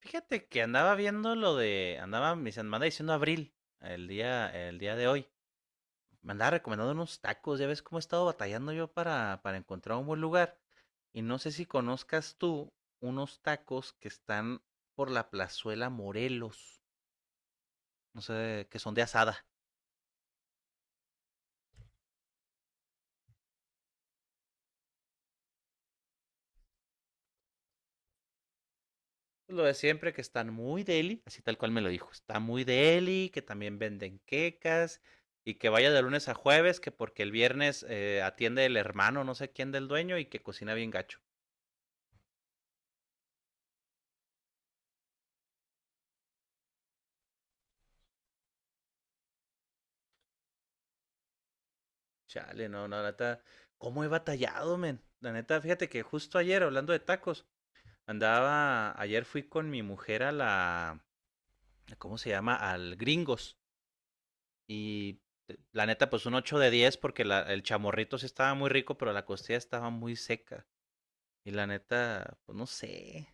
Fíjate que andaba viendo lo de, andaba, me se- me anda diciendo Abril, el día de hoy. Me andaba recomendando unos tacos, ya ves cómo he estado batallando yo para encontrar un buen lugar. Y no sé si conozcas tú unos tacos que están por la plazuela Morelos, no sé, que son de asada. Lo de siempre, que están muy deli, así tal cual me lo dijo, está muy deli, que también venden quecas, y que vaya de lunes a jueves, que porque el viernes atiende el hermano, no sé quién del dueño, y que cocina bien gacho. Chale, no, no, la neta, ¿cómo he batallado, men? La neta, fíjate que justo ayer, hablando de tacos, ayer fui con mi mujer a la, ¿cómo se llama? Al Gringos. Y la neta, pues un 8 de 10 porque el chamorrito sí estaba muy rico, pero la costilla estaba muy seca. Y la neta, pues no sé.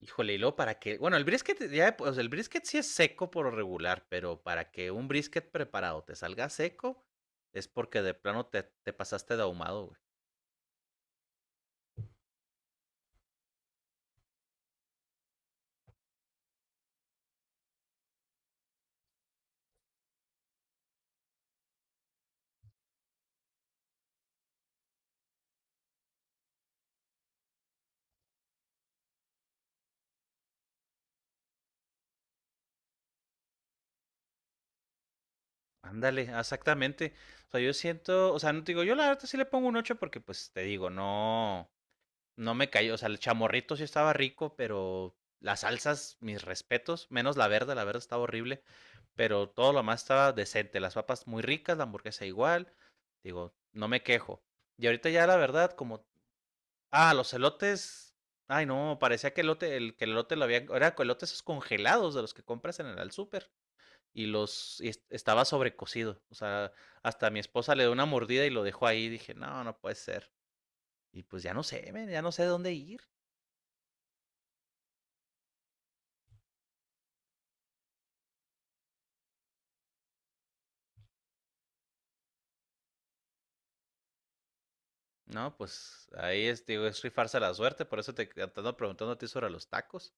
Híjole, y luego para que, bueno, el brisket ya, pues el brisket sí es seco por lo regular, pero para que un brisket preparado te salga seco es porque de plano te pasaste de ahumado, güey. Ándale, exactamente. O sea, yo siento, o sea, no te digo, yo la verdad sí le pongo un 8 porque pues te digo, no, no me cayó, o sea, el chamorrito sí estaba rico, pero las salsas, mis respetos, menos la verde estaba horrible, pero todo lo más estaba decente, las papas muy ricas, la hamburguesa igual, digo, no me quejo. Y ahorita ya la verdad, como, ah, los elotes, ay no, parecía que el elote lo había, era con elotes esos congelados de los que compras en el al súper y estaba sobrecocido. O sea, hasta mi esposa le dio una mordida y lo dejó ahí. Dije, no, no puede ser. Y pues ya no sé, men, ya no sé dónde ir. No, pues ahí es, digo, es rifarse la suerte. Por eso te ando preguntando a ti sobre los tacos.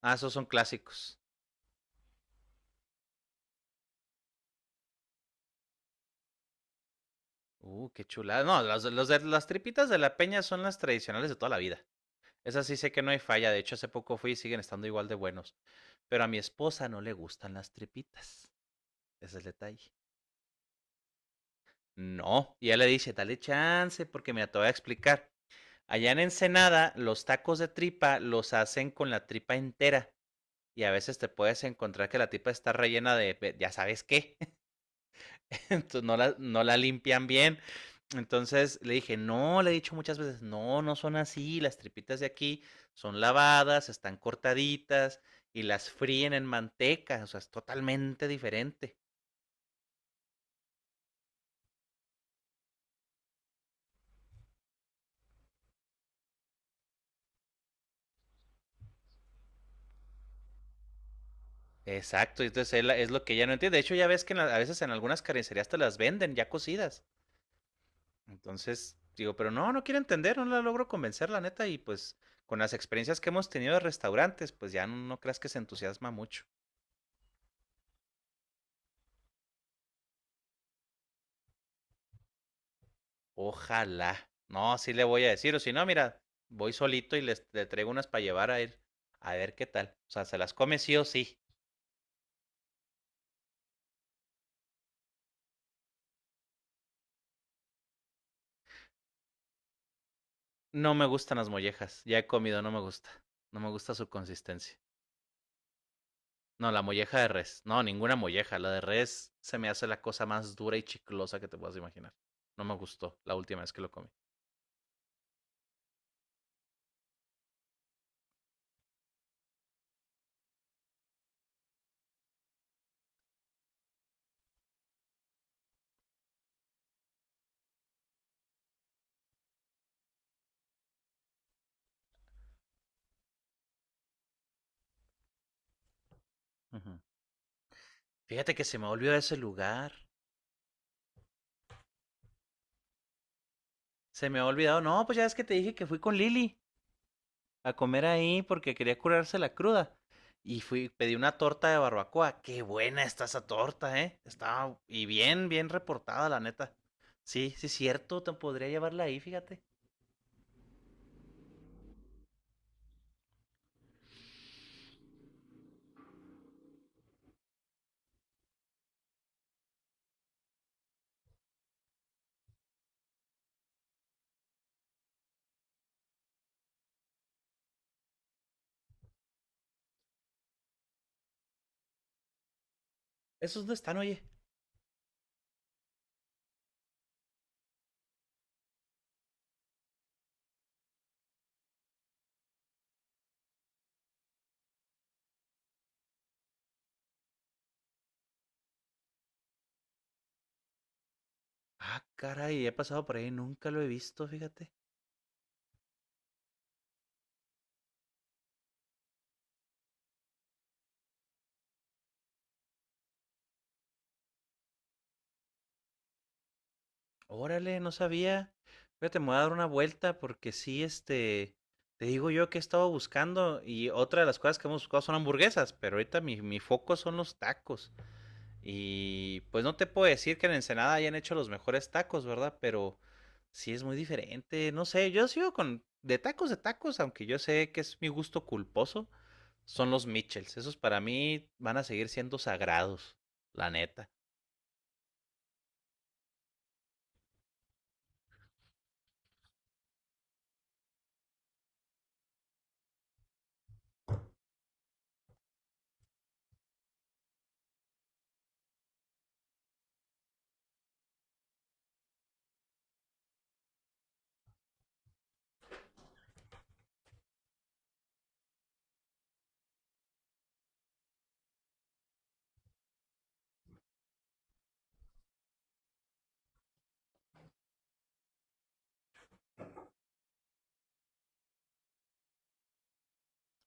Ah, esos son clásicos. Qué chulada. No, las tripitas de la peña son las tradicionales de toda la vida. Esas sí sé que no hay falla. De hecho, hace poco fui y siguen estando igual de buenos. Pero a mi esposa no le gustan las tripitas. Ese es el detalle. No, y ella le dice, dale chance, porque mira, te voy a explicar. Allá en Ensenada, los tacos de tripa los hacen con la tripa entera. Y a veces te puedes encontrar que la tripa está rellena ya sabes qué. Entonces no la limpian bien. Entonces le dije, no, le he dicho muchas veces, no, no son así. Las tripitas de aquí son lavadas, están cortaditas y las fríen en manteca. O sea, es totalmente diferente. Exacto, entonces es lo que ella no entiende. De hecho, ya ves que en a veces en algunas carnicerías te las venden ya cocidas. Entonces, digo, pero no, no quiere entender, no la logro convencer, la neta. Y pues con las experiencias que hemos tenido de restaurantes, pues ya no, no creas que se entusiasma mucho. Ojalá. No, sí le voy a decir, o si no, mira, voy solito le traigo unas para llevar a él. A ver qué tal. O sea, se las come sí o sí. No me gustan las mollejas. Ya he comido, no me gusta. No me gusta su consistencia. No, la molleja de res. No, ninguna molleja. La de res se me hace la cosa más dura y chiclosa que te puedas imaginar. No me gustó la última vez que lo comí. Ujú. Fíjate que se me olvidó ese lugar. Se me ha olvidado. No, pues ya es que te dije que fui con Lili a comer ahí porque quería curarse la cruda. Y fui, pedí una torta de barbacoa. Qué buena está esa torta, ¿eh? Estaba y bien, bien reportada, la neta. Sí, sí, cierto, te podría llevarla ahí, fíjate. ¿Esos dónde están, oye? Ah, caray, he pasado por ahí, nunca lo he visto, fíjate. Órale, no sabía. Fíjate, me voy a dar una vuelta porque sí, este, te digo yo que he estado buscando y otra de las cosas que hemos buscado son hamburguesas, pero ahorita mi foco son los tacos. Y pues no te puedo decir que en Ensenada hayan hecho los mejores tacos, ¿verdad? Pero sí es muy diferente, no sé, yo sigo con de tacos, aunque yo sé que es mi gusto culposo, son los Mitchells. Esos para mí van a seguir siendo sagrados, la neta.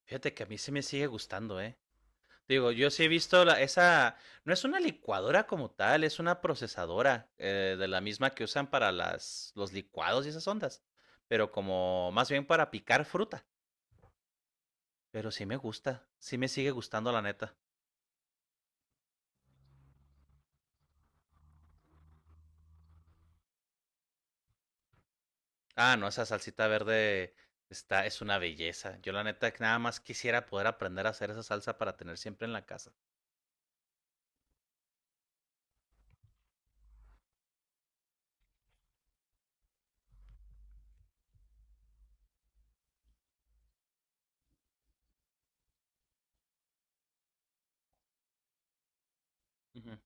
Fíjate que a mí se me sigue gustando, ¿eh? Digo, yo sí he visto no es una licuadora como tal, es una procesadora de la misma que usan para los licuados y esas ondas, pero como más bien para picar fruta. Pero sí me gusta, sí me sigue gustando la neta. Ah, no, esa salsita verde está, es una belleza. Yo la neta que nada más quisiera poder aprender a hacer esa salsa para tener siempre en la casa. Ujú.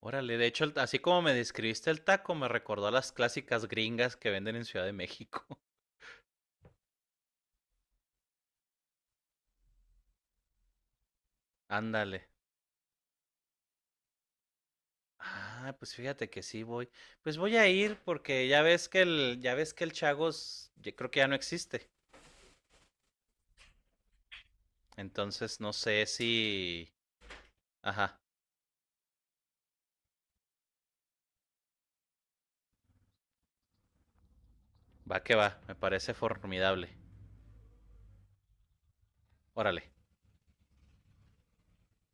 Órale, de hecho, así como me describiste el taco, me recordó a las clásicas gringas que venden en Ciudad de México. Ándale. Ah, pues fíjate que sí voy. Pues voy a ir porque ya ves que el Chagos, yo creo que ya no existe. Entonces no sé si... Ajá, va que va, me parece formidable. Órale.